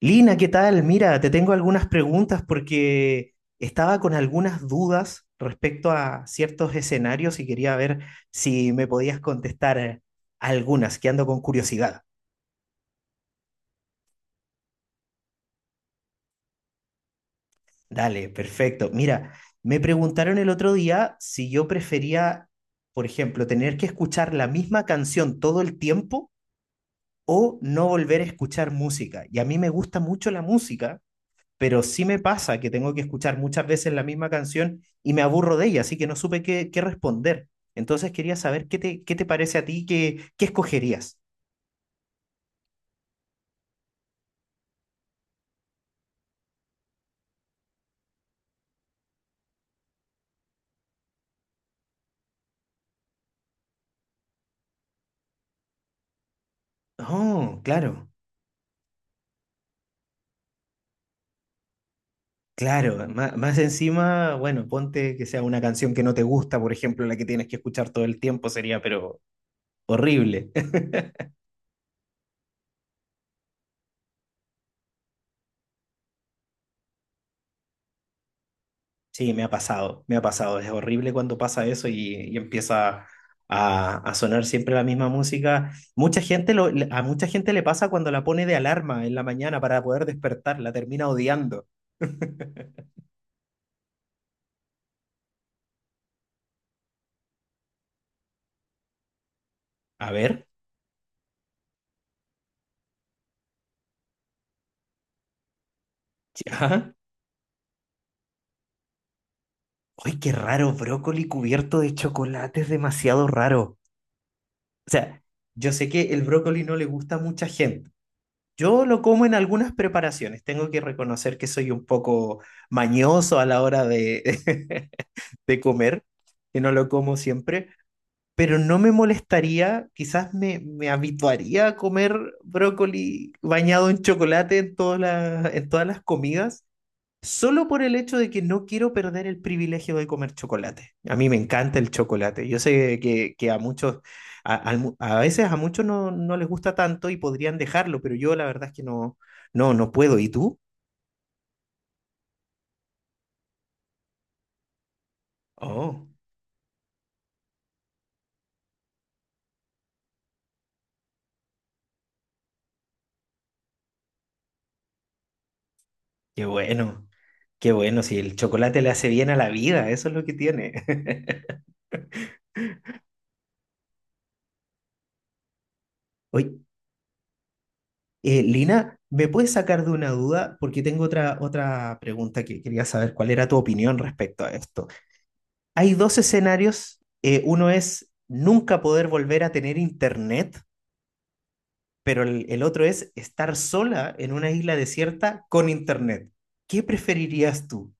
Lina, ¿qué tal? Mira, te tengo algunas preguntas porque estaba con algunas dudas respecto a ciertos escenarios y quería ver si me podías contestar algunas, que ando con curiosidad. Dale, perfecto. Mira, me preguntaron el otro día si yo prefería, por ejemplo, tener que escuchar la misma canción todo el tiempo o no volver a escuchar música. Y a mí me gusta mucho la música, pero sí me pasa que tengo que escuchar muchas veces la misma canción y me aburro de ella, así que no supe qué responder. Entonces quería saber qué te parece a ti, qué escogerías. Oh, claro, claro. Más encima, bueno, ponte que sea una canción que no te gusta, por ejemplo, la que tienes que escuchar todo el tiempo sería, pero horrible. Sí, me ha pasado, me ha pasado. Es horrible cuando pasa eso y empieza a sonar siempre la misma música. Mucha gente a mucha gente le pasa cuando la pone de alarma en la mañana para poder despertar, la termina odiando. A ver, ya. ¡Ay, qué raro! Brócoli cubierto de chocolate es demasiado raro. O sea, yo sé que el brócoli no le gusta a mucha gente. Yo lo como en algunas preparaciones. Tengo que reconocer que soy un poco mañoso a la hora de, de comer, que no lo como siempre, pero no me molestaría, quizás me habituaría a comer brócoli bañado en chocolate en en todas las comidas. Solo por el hecho de que no quiero perder el privilegio de comer chocolate. A mí me encanta el chocolate. Yo sé que a muchos, a veces a muchos no, no les gusta tanto y podrían dejarlo, pero yo la verdad es que no puedo. ¿Y tú? Oh, qué bueno, qué bueno. Si el chocolate le hace bien a la vida, eso es lo que tiene. Oye, Lina, ¿me puedes sacar de una duda? Porque tengo otra pregunta que quería saber cuál era tu opinión respecto a esto. Hay dos escenarios. Uno es nunca poder volver a tener internet, pero el otro es estar sola en una isla desierta con internet. ¿Qué preferirías tú?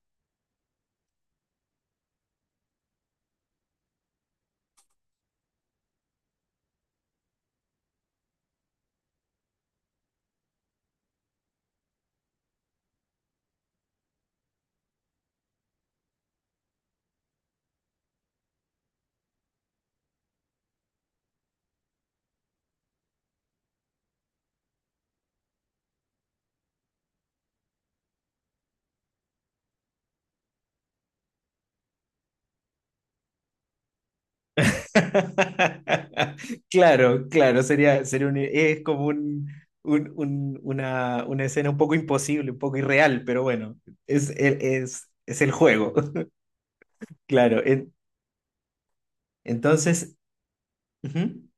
Claro, claro, es como una escena un poco imposible, un poco irreal, pero bueno, es el juego, claro. Entonces, ujú,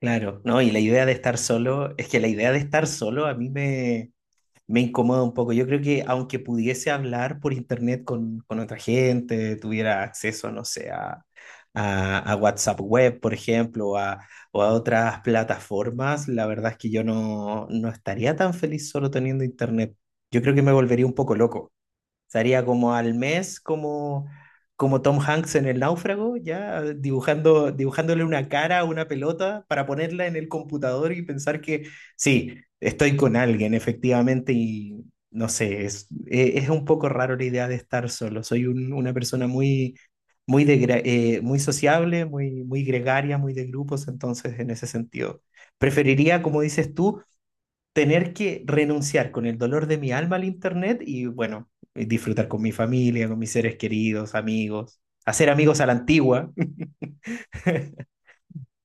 claro, no, y la idea de estar solo, es que la idea de estar solo a me incomoda un poco. Yo creo que aunque pudiese hablar por internet con otra gente, tuviera acceso, no sé, a WhatsApp Web, por ejemplo, o a otras plataformas, la verdad es que yo no, no estaría tan feliz solo teniendo internet. Yo creo que me volvería un poco loco. Estaría como al mes, como, como Tom Hanks en El Náufrago, ya dibujando, dibujándole una cara a una pelota para ponerla en el computador y pensar que sí, estoy con alguien, efectivamente, y no sé, es un poco raro la idea de estar solo. Soy una persona muy, muy sociable, muy, muy gregaria, muy de grupos, entonces en ese sentido. Preferiría, como dices tú, tener que renunciar con el dolor de mi alma al internet y bueno, disfrutar con mi familia, con mis seres queridos, amigos, hacer amigos a la antigua,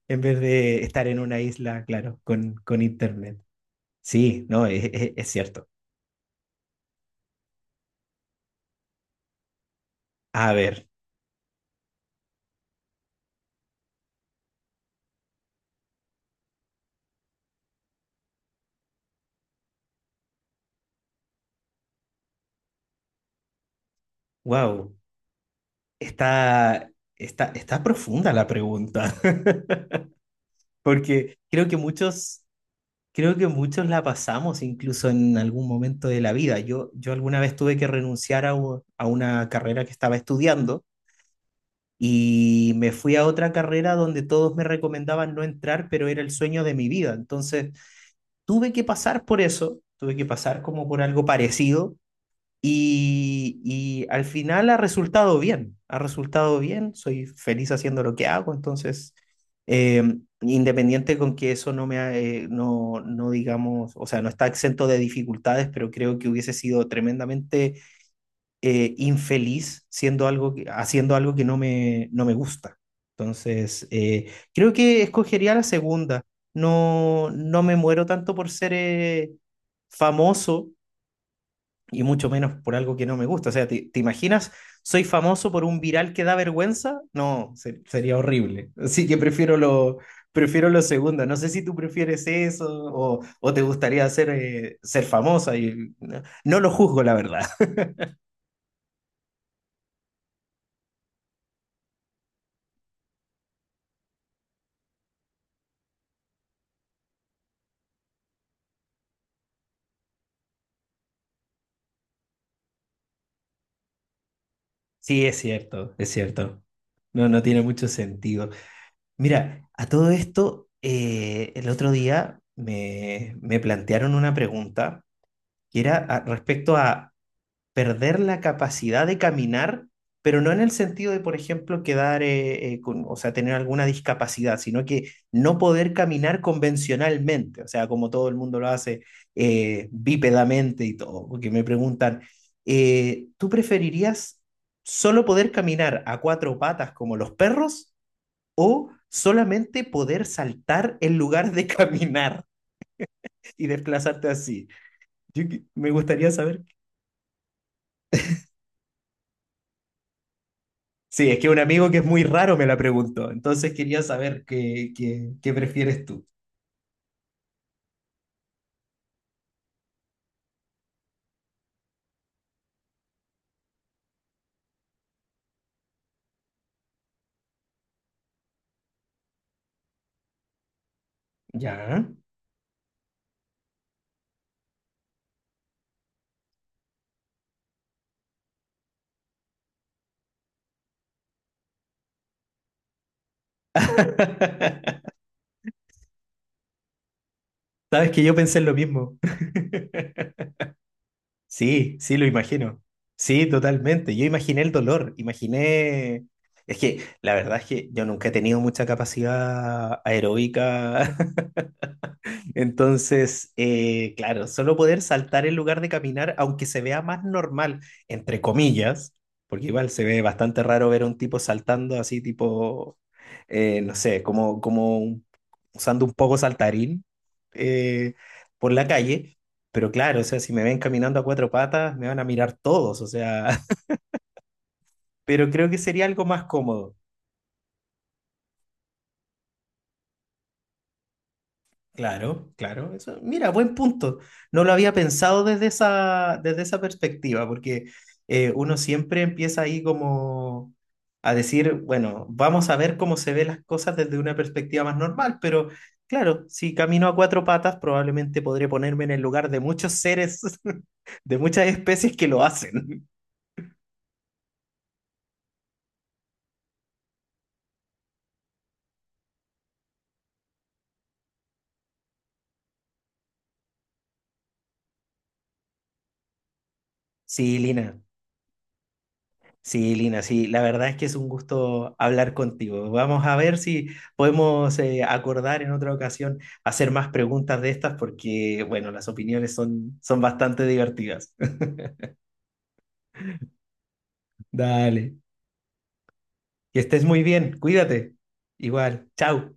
en vez de estar en una isla, claro, con internet. Sí, no, es cierto. A ver, wow, está, está profunda la pregunta, porque creo que muchos... Creo que muchos la pasamos incluso en algún momento de la vida. Yo alguna vez tuve que renunciar a una carrera que estaba estudiando. Y me fui a otra carrera donde todos me recomendaban no entrar, pero era el sueño de mi vida. Entonces, tuve que pasar por eso, tuve que pasar como por algo parecido y al final ha resultado bien, soy feliz haciendo lo que hago, entonces, eh, independiente con que eso no me, no digamos, o sea, no está exento de dificultades, pero creo que hubiese sido tremendamente infeliz siendo haciendo algo que no me, no me gusta. Entonces, creo que escogería la segunda. No, no me muero tanto por ser famoso y mucho menos por algo que no me gusta. O sea, te imaginas? ¿Soy famoso por un viral que da vergüenza? No, sería horrible. Así que prefiero lo segundo. No sé si tú prefieres eso o te gustaría ser, ser famosa. Y, no, no lo juzgo, la verdad. Sí, es cierto, es cierto. No, no tiene mucho sentido. Mira, a todo esto, el otro día me plantearon una pregunta que era respecto a perder la capacidad de caminar, pero no en el sentido de, por ejemplo, quedar, con, o sea, tener alguna discapacidad, sino que no poder caminar convencionalmente, o sea, como todo el mundo lo hace, bípedamente y todo, porque me preguntan, ¿tú preferirías solo poder caminar a cuatro patas como los perros o solamente poder saltar en lugar de caminar y desplazarte así? Yo, me gustaría saber. Sí, es que un amigo que es muy raro me la preguntó, entonces quería saber qué prefieres tú. Ya. Sabes que yo pensé en lo mismo. Sí, sí, lo imagino. Sí, totalmente. Yo imaginé el dolor, imaginé... Es que la verdad es que yo nunca he tenido mucha capacidad aeróbica. Entonces, claro, solo poder saltar en lugar de caminar, aunque se vea más normal, entre comillas, porque igual se ve bastante raro ver a un tipo saltando así, tipo, no sé, como usando un poco saltarín eh, por la calle. Pero claro, o sea, si me ven caminando a cuatro patas, me van a mirar todos, o sea, pero creo que sería algo más cómodo. Claro, claro. Eso, mira, buen punto. No lo había pensado desde esa perspectiva, porque uno siempre empieza ahí como a decir, bueno, vamos a ver cómo se ven las cosas desde una perspectiva más normal, pero claro, si camino a cuatro patas, probablemente podré ponerme en el lugar de muchos seres, de muchas especies que lo hacen. Sí, Lina, sí, Lina, sí, la verdad es que es un gusto hablar contigo. Vamos a ver si podemos acordar en otra ocasión hacer más preguntas de estas porque, bueno, las opiniones son, son bastante divertidas. Dale, que estés muy bien, cuídate. Igual, chao.